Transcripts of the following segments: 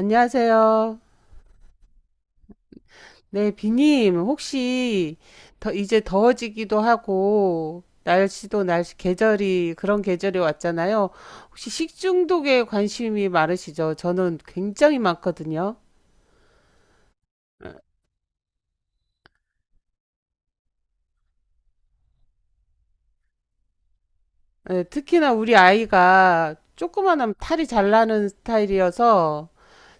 안녕하세요. 네, 비님, 혹시 더 이제 더워지기도 하고 날씨 계절이 그런 계절이 왔잖아요. 혹시 식중독에 관심이 많으시죠? 저는 굉장히 많거든요. 네, 특히나 우리 아이가 조그만하면 탈이 잘 나는 스타일이어서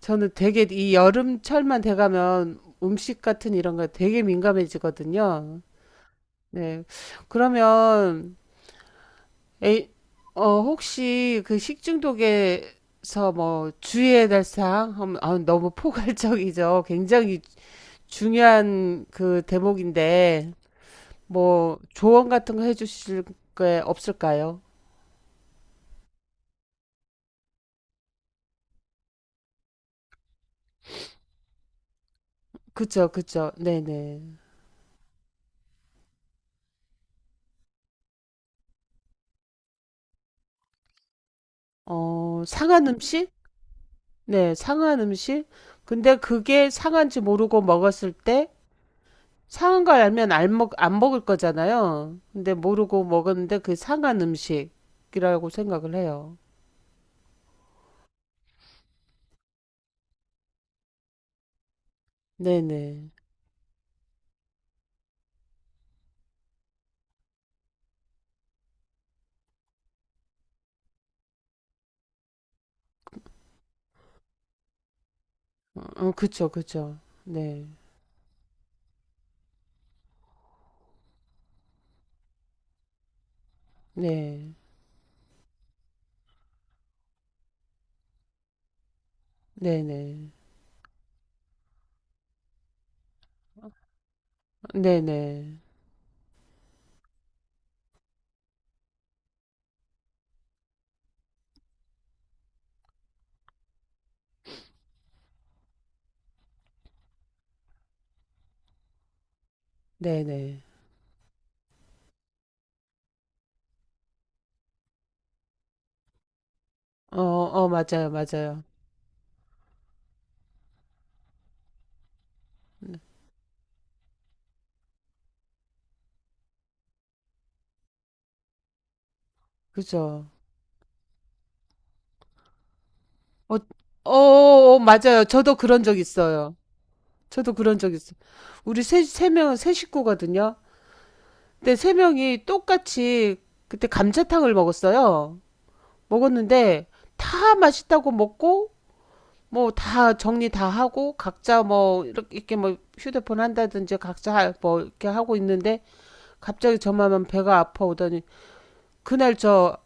저는 되게 이 여름철만 돼가면 음식 같은 이런 거 되게 민감해지거든요. 네. 그러면 에이, 혹시 그 식중독에서 뭐 주의해야 될 사항? 아, 너무 포괄적이죠. 굉장히 중요한 그 대목인데, 뭐 조언 같은 거 해주실 게 없을까요? 그쵸, 그쵸. 네네. 어, 상한 음식? 네, 상한 음식? 근데 그게 상한지 모르고 먹었을 때, 상한 걸 알면 안 먹을 거잖아요. 근데 모르고 먹었는데 그 상한 음식이라고 생각을 해요. 네네. 어 그쵸, 그쵸. 네. 네. 네네. 네네. 네네. 어어 맞아요, 맞아요. 그죠. 어 어어 맞아요. 저도 그런 적 있어요. 저도 그런 적 있어요. 우리 세 식구거든요. 근데 세 명이 똑같이 그때 감자탕을 먹었어요. 먹었는데 다 맛있다고 먹고 뭐 다 정리 다 하고 각자 뭐 이렇게 뭐 휴대폰 한다든지 각자 하 뭐 이렇게 하고 있는데 갑자기 저만만 배가 아파오더니 그날 저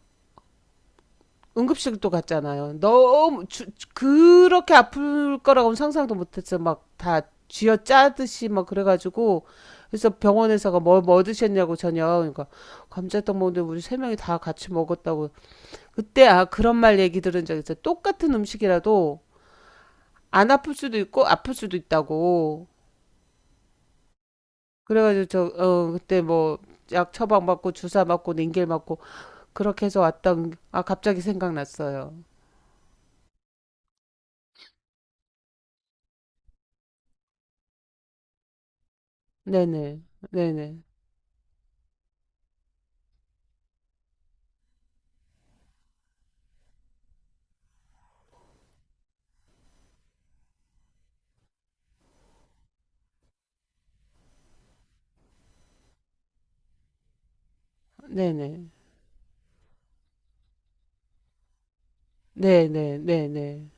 응급실도 갔잖아요. 그렇게 아플 거라고는 상상도 못했어. 막 다 쥐어 짜듯이 막 그래가지고 그래서 병원에서가 뭐 드셨냐고 저녁 그러니까 감자떡 먹는데 우리 세 명이 다 같이 먹었다고 그때 아 그런 말 얘기 들은 적 있어. 똑같은 음식이라도 안 아플 수도 있고 아플 수도 있다고. 그래가지고 저 어 그때 뭐 약 처방 받고 주사 맞고 링겔 맞고 그렇게 해서 왔던 아 갑자기 생각났어요. 네네 네네 네네 네네 네네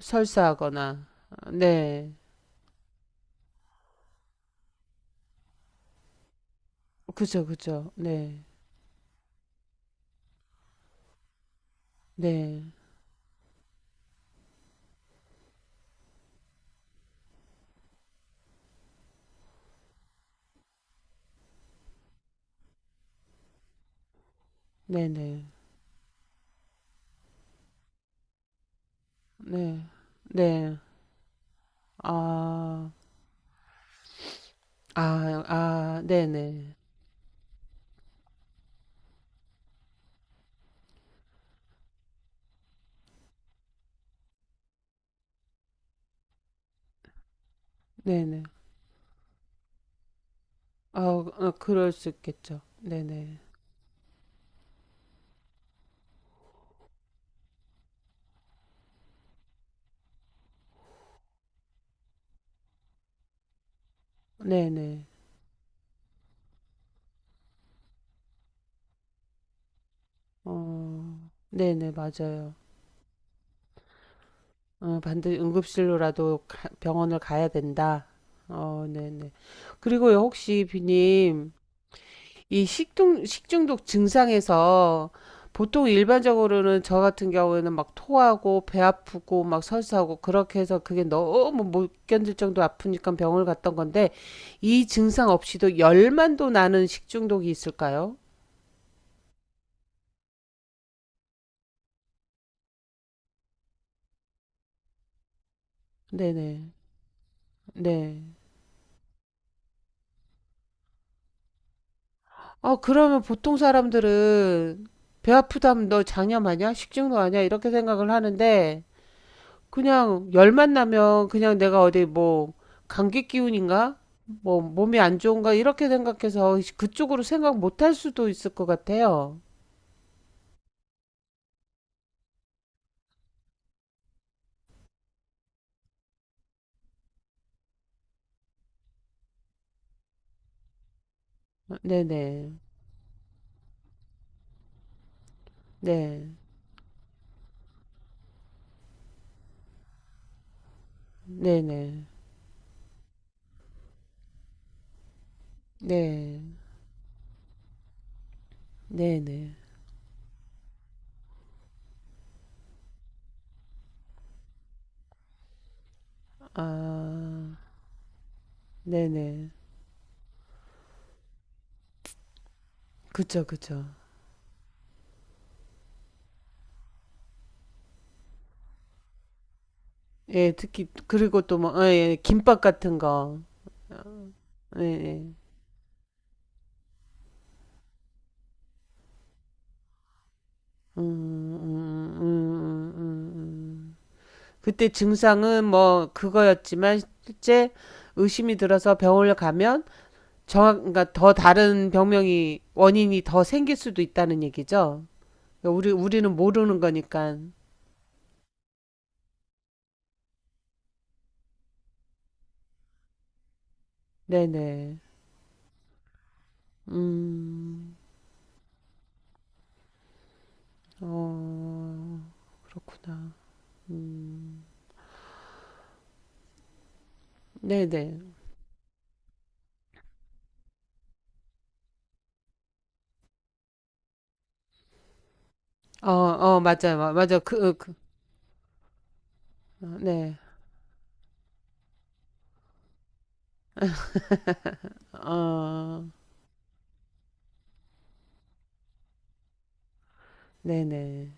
설사하거나 네 그죠 그죠 네네 네네 네네아아아 네네 네네 아 어, 그럴 수 있겠죠. 네네 네네 어 네네 맞아요. 어, 반드시 응급실로라도 병원을 가야 된다. 어, 네네. 그리고요, 혹시 비님, 이 식중독 증상에서 보통 일반적으로는 저 같은 경우에는 막 토하고 배 아프고 막 설사하고 그렇게 해서 그게 너무 못 견딜 정도 아프니까 병원을 갔던 건데 이 증상 없이도 열만도 나는 식중독이 있을까요? 네네. 네. 네. 아, 그러면 보통 사람들은 배 아프다면 너 장염하냐? 식중독 아니야? 이렇게 생각을 하는데 그냥 열만 나면 그냥 내가 어디 뭐 감기 기운인가? 뭐 몸이 안 좋은가? 이렇게 생각해서 그쪽으로 생각 못 할 수도 있을 것 같아요. 네네. 네. 네네. 네. 네네. 아, 네네. 그쵸, 그쵸. 예, 특히, 그리고 또 뭐, 예, 예, 김밥 같은 거. 예, 예. 음, 음. 그때 증상은 뭐 그거였지만 실제 의심이 들어서 병원을 가면 정확 그러니까 더 다른 병명이 원인이 더 생길 수도 있다는 얘기죠. 그러니까 우리는 모르는 거니까. 네네. 음. 어 그렇구나. 네네. 어어 맞아요 맞아 그 어, 네. 어 네네.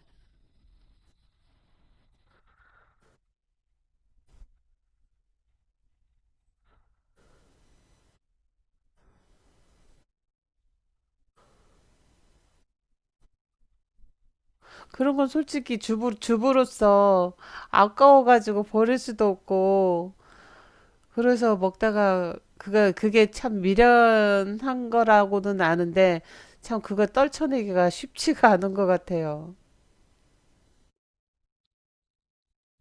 그런 건 솔직히 주부로서 아까워가지고 버릴 수도 없고, 그래서 그게 참 미련한 거라고는 아는데, 참 그거 떨쳐내기가 쉽지가 않은 것 같아요.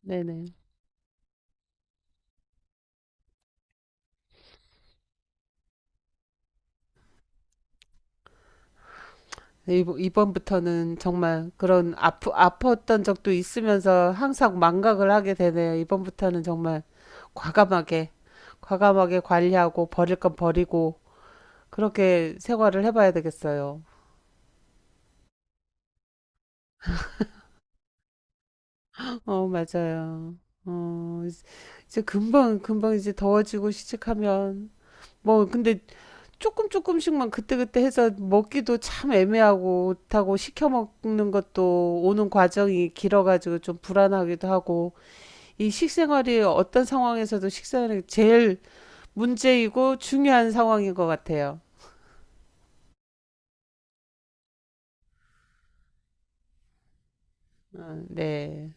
네네. 이번부터는 정말 그런 아팠던 적도 있으면서 항상 망각을 하게 되네요. 이번부터는 정말 과감하게, 과감하게 관리하고 버릴 건 버리고, 그렇게 생활을 해봐야 되겠어요. 어, 맞아요. 어, 이제 이제 금방 이제 더워지고 시작하면. 뭐, 근데 조금씩만 그때그때 해서 먹기도 참 애매하고, 그렇다고 시켜 먹는 것도 오는 과정이 길어가지고 좀 불안하기도 하고, 이 식생활이 어떤 상황에서도 식생활이 제일 문제이고 중요한 상황인 것 같아요. 어, 네.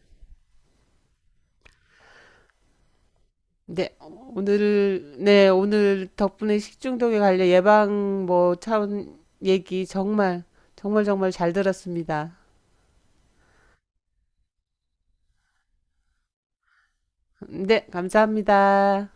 네, 오늘 덕분에 식중독에 관련 예방 뭐 차원 얘기 정말, 정말 정말 잘 들었습니다. 네, 감사합니다.